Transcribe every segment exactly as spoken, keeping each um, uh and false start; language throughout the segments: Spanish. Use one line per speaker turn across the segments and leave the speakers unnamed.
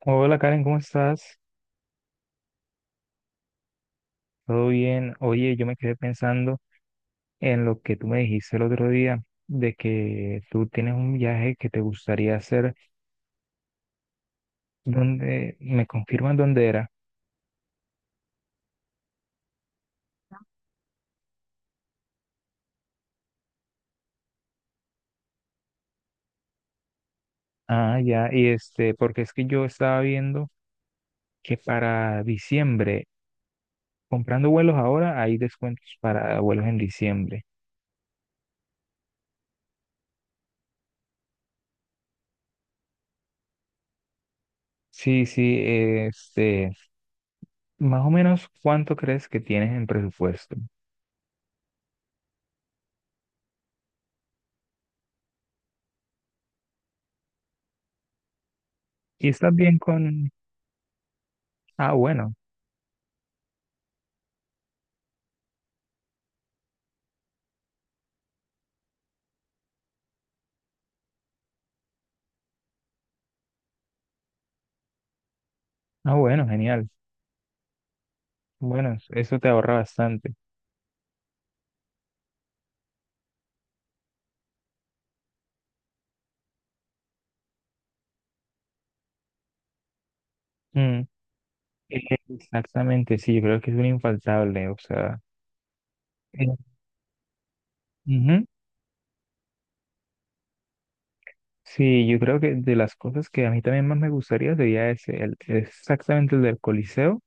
Hola Karen, ¿cómo estás? ¿Todo bien? Oye, yo me quedé pensando en lo que tú me dijiste el otro día, de que tú tienes un viaje que te gustaría hacer, donde me confirman dónde era. Ah, ya, y este, porque es que yo estaba viendo que para diciembre, comprando vuelos ahora, hay descuentos para vuelos en diciembre. Sí, sí, este, más o menos, ¿cuánto crees que tienes en presupuesto? ¿Y estás bien con... Ah, bueno, ah, bueno, genial. Bueno, eso te ahorra bastante. Mm, eh, exactamente, sí, yo creo que es un infaltable, o sea, eh, ujú. Sí, yo creo que de las cosas que a mí también más me gustaría sería ese, el, exactamente el del Coliseo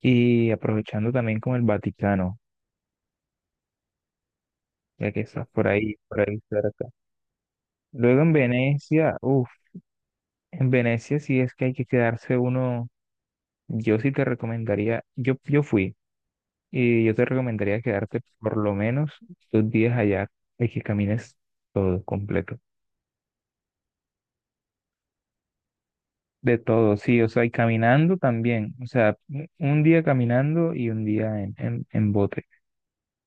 y aprovechando también con el Vaticano, ya que estás por ahí, por ahí cerca. Luego en Venecia, uff, en Venecia sí es que hay que quedarse uno, yo sí te recomendaría, yo, yo fui. Y yo te recomendaría quedarte por lo menos dos días allá y que camines todo completo. De todo, sí, o sea, y caminando también. O sea, un un día caminando y un día en, en, en bote.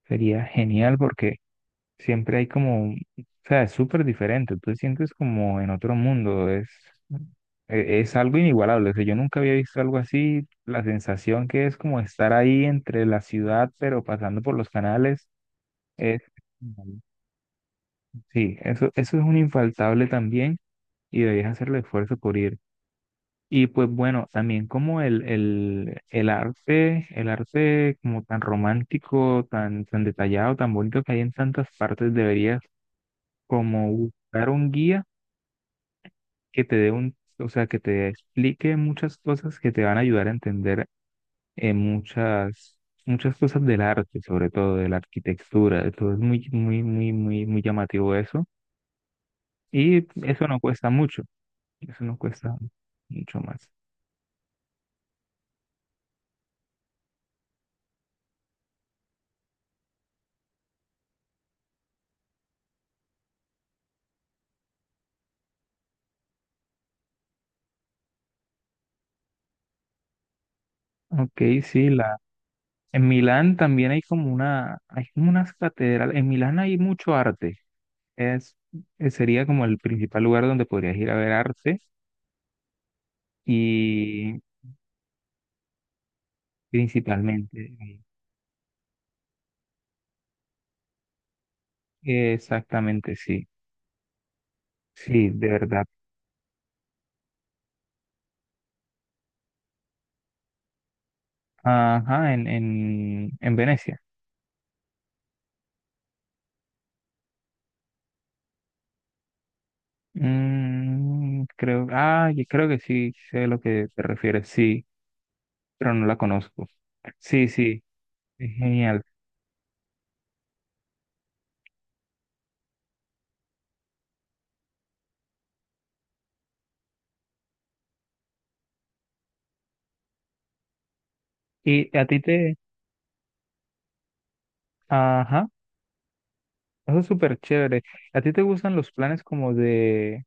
Sería genial porque siempre hay como, o sea, es súper diferente. Tú te sientes como en otro mundo. Es, e- es algo inigualable. O sea, yo nunca había visto algo así. La sensación que es como estar ahí entre la ciudad, pero pasando por los canales, es... Sí, eso, eso es un infaltable también y debes hacer el esfuerzo por ir. Y pues bueno, también como el, el, el arte, el arte como tan romántico, tan, tan detallado, tan bonito que hay en tantas partes, deberías como buscar un guía que te dé un, o sea, que te explique muchas cosas que te van a ayudar a entender eh, muchas, muchas cosas del arte, sobre todo de la arquitectura. Entonces es muy, muy, muy, muy, muy llamativo eso. Y eso no cuesta mucho. Eso no cuesta mucho más. Ok, sí, la, en Milán también hay como una, hay como unas catedrales. En Milán hay mucho arte. Es, eh, sería como el principal lugar donde podrías ir a ver arte y principalmente ahí. Exactamente, sí. Sí, de verdad. Ajá, en, en, en Venecia. Mm, creo, ah, yo creo que sí, sé a lo que te refieres, sí, pero no la conozco. Sí, sí, es genial. ¿Y a ti te, ajá, eso es súper chévere. ¿A ti te gustan los planes como de,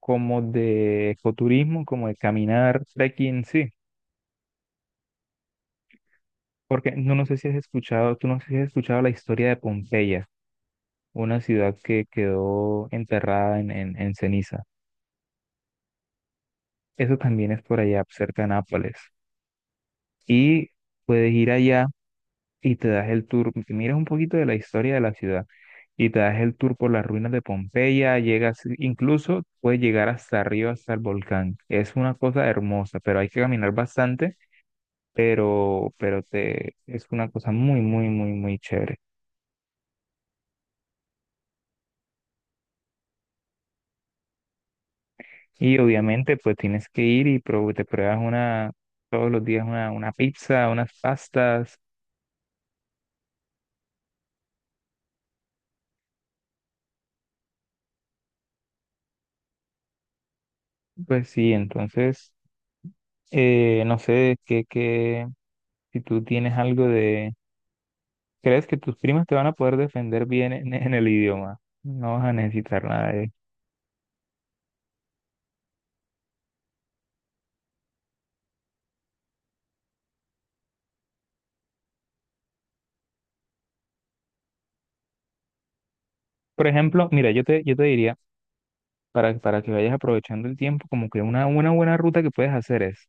como de ecoturismo, como de caminar, trekking? Sí, porque no, no sé si has escuchado, tú no sé si has escuchado la historia de Pompeya, una ciudad que quedó enterrada en, en, en ceniza. Eso también es por allá, cerca de Nápoles. Y puedes ir allá y te das el tour, que miras un poquito de la historia de la ciudad y te das el tour por las ruinas de Pompeya, llegas, incluso puedes llegar hasta arriba, hasta el volcán. Es una cosa hermosa, pero hay que caminar bastante, pero, pero te, es una cosa muy, muy, muy, muy chévere. Y obviamente, pues tienes que ir y pro- te pruebas una, todos los días una, una pizza, unas pastas, pues sí, entonces, eh, no sé, qué, qué, si tú tienes algo de ¿Crees que tus primas te van a poder defender bien en, en el idioma? No vas a necesitar nada de... Por ejemplo, mira, yo te, yo te diría, para, para que vayas aprovechando el tiempo, como que una, una buena ruta que puedes hacer es,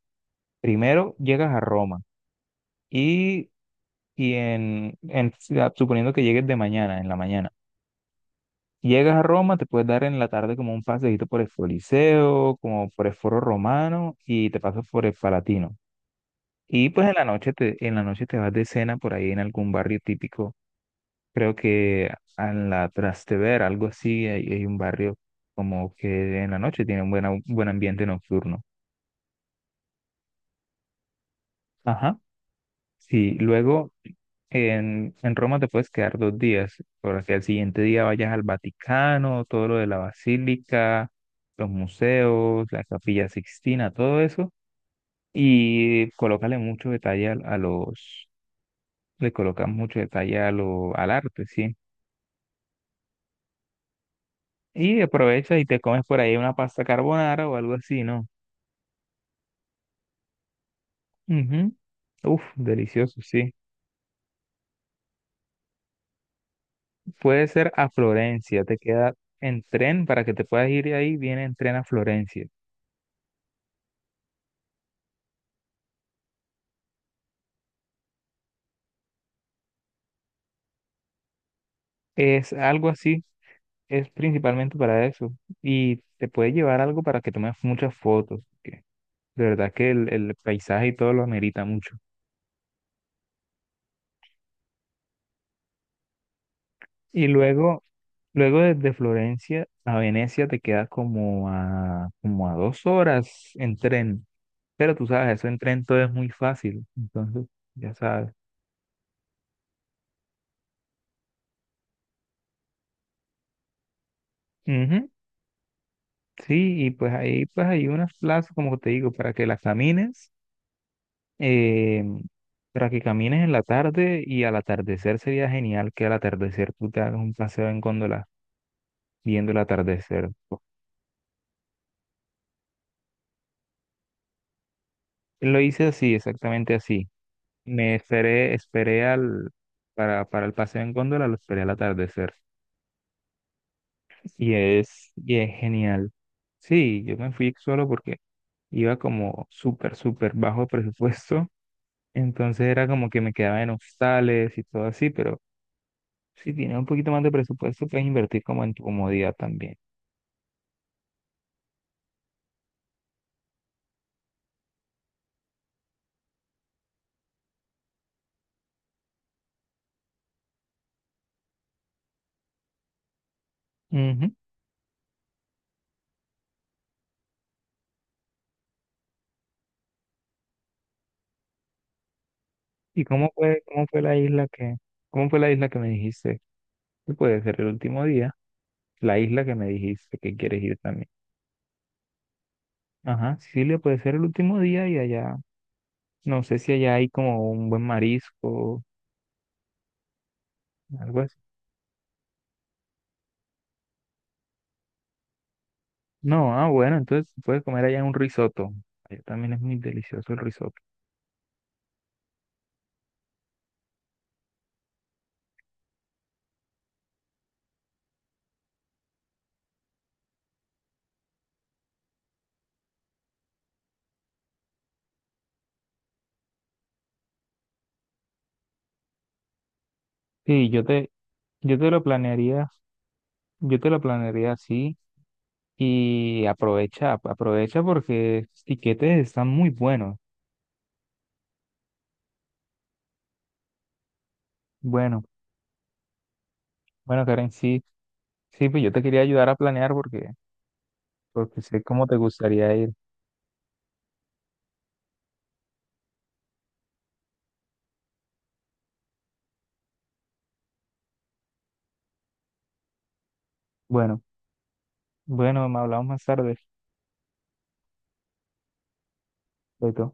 primero llegas a Roma y, y en, en- ah, suponiendo que llegues de mañana, en la mañana, llegas a Roma, te puedes dar en la tarde como un paseíto por el Coliseo, como por el Foro Romano y te pasas por el Palatino. Y pues en la noche te, en la noche te vas de cena por ahí en algún barrio típico. Creo que en la Trastevere, algo así, hay, hay un barrio como que en la noche tiene un, buena- un buen ambiente nocturno. Ajá. Sí, luego en, en Roma te puedes quedar dos días, para que al siguiente día vayas al Vaticano, todo lo de la Basílica, los museos, la Capilla Sixtina, todo eso. Y colócale mucho detalle a, a los, le colocas mucho detalle a lo, al arte, sí. Y aprovechas y te comes por ahí una pasta carbonara o algo así, ¿no? Ujú. Uf, delicioso, sí. Puede ser a Florencia, te queda en tren para que te puedas ir de ahí, viene en tren a Florencia. Es algo así, es principalmente para eso. Y te puede llevar algo para que tomes muchas fotos, que de verdad que el, el paisaje y todo lo amerita mucho. Y luego, luego desde Florencia a Venecia te queda como a, como a dos horas en tren. Pero tú sabes, eso en tren todo es muy fácil, entonces ya sabes. Ujú. Sí, y pues ahí pues hay unas plazas, como te digo, para que las camines, eh, para que camines en la tarde y al atardecer sería genial que al atardecer tú te hagas un paseo en góndola viendo el atardecer. Lo hice así, exactamente así. Me esperé, esperé al, para, para el paseo en góndola, lo esperé al atardecer. Y es, y es genial. Sí, yo me fui solo porque iba como súper, súper bajo presupuesto. Entonces era como que me quedaba en hostales y todo así, pero si tienes un poquito más de presupuesto, puedes invertir como en tu comodidad también. Ujú. ¿Y cómo fue, cómo fue la isla que, cómo fue la isla que me dijiste que puede ser el último día? La isla que me dijiste que quieres ir también. Ajá, Sicilia puede ser el último día y allá, no sé si allá hay como un buen marisco, algo así. No, ah, bueno, entonces puedes comer allá un risotto. Allá también es muy delicioso el risotto. Sí, yo te, yo te lo planearía, yo te lo planearía así. Y aprovecha, ap- aprovecha porque estos tiquetes están muy buenos. Bueno, bueno, Karen, sí, sí, pues yo te quería ayudar a planear porque, porque sé cómo te gustaría ir. Bueno, bueno, me hablamos más tarde. Chaito.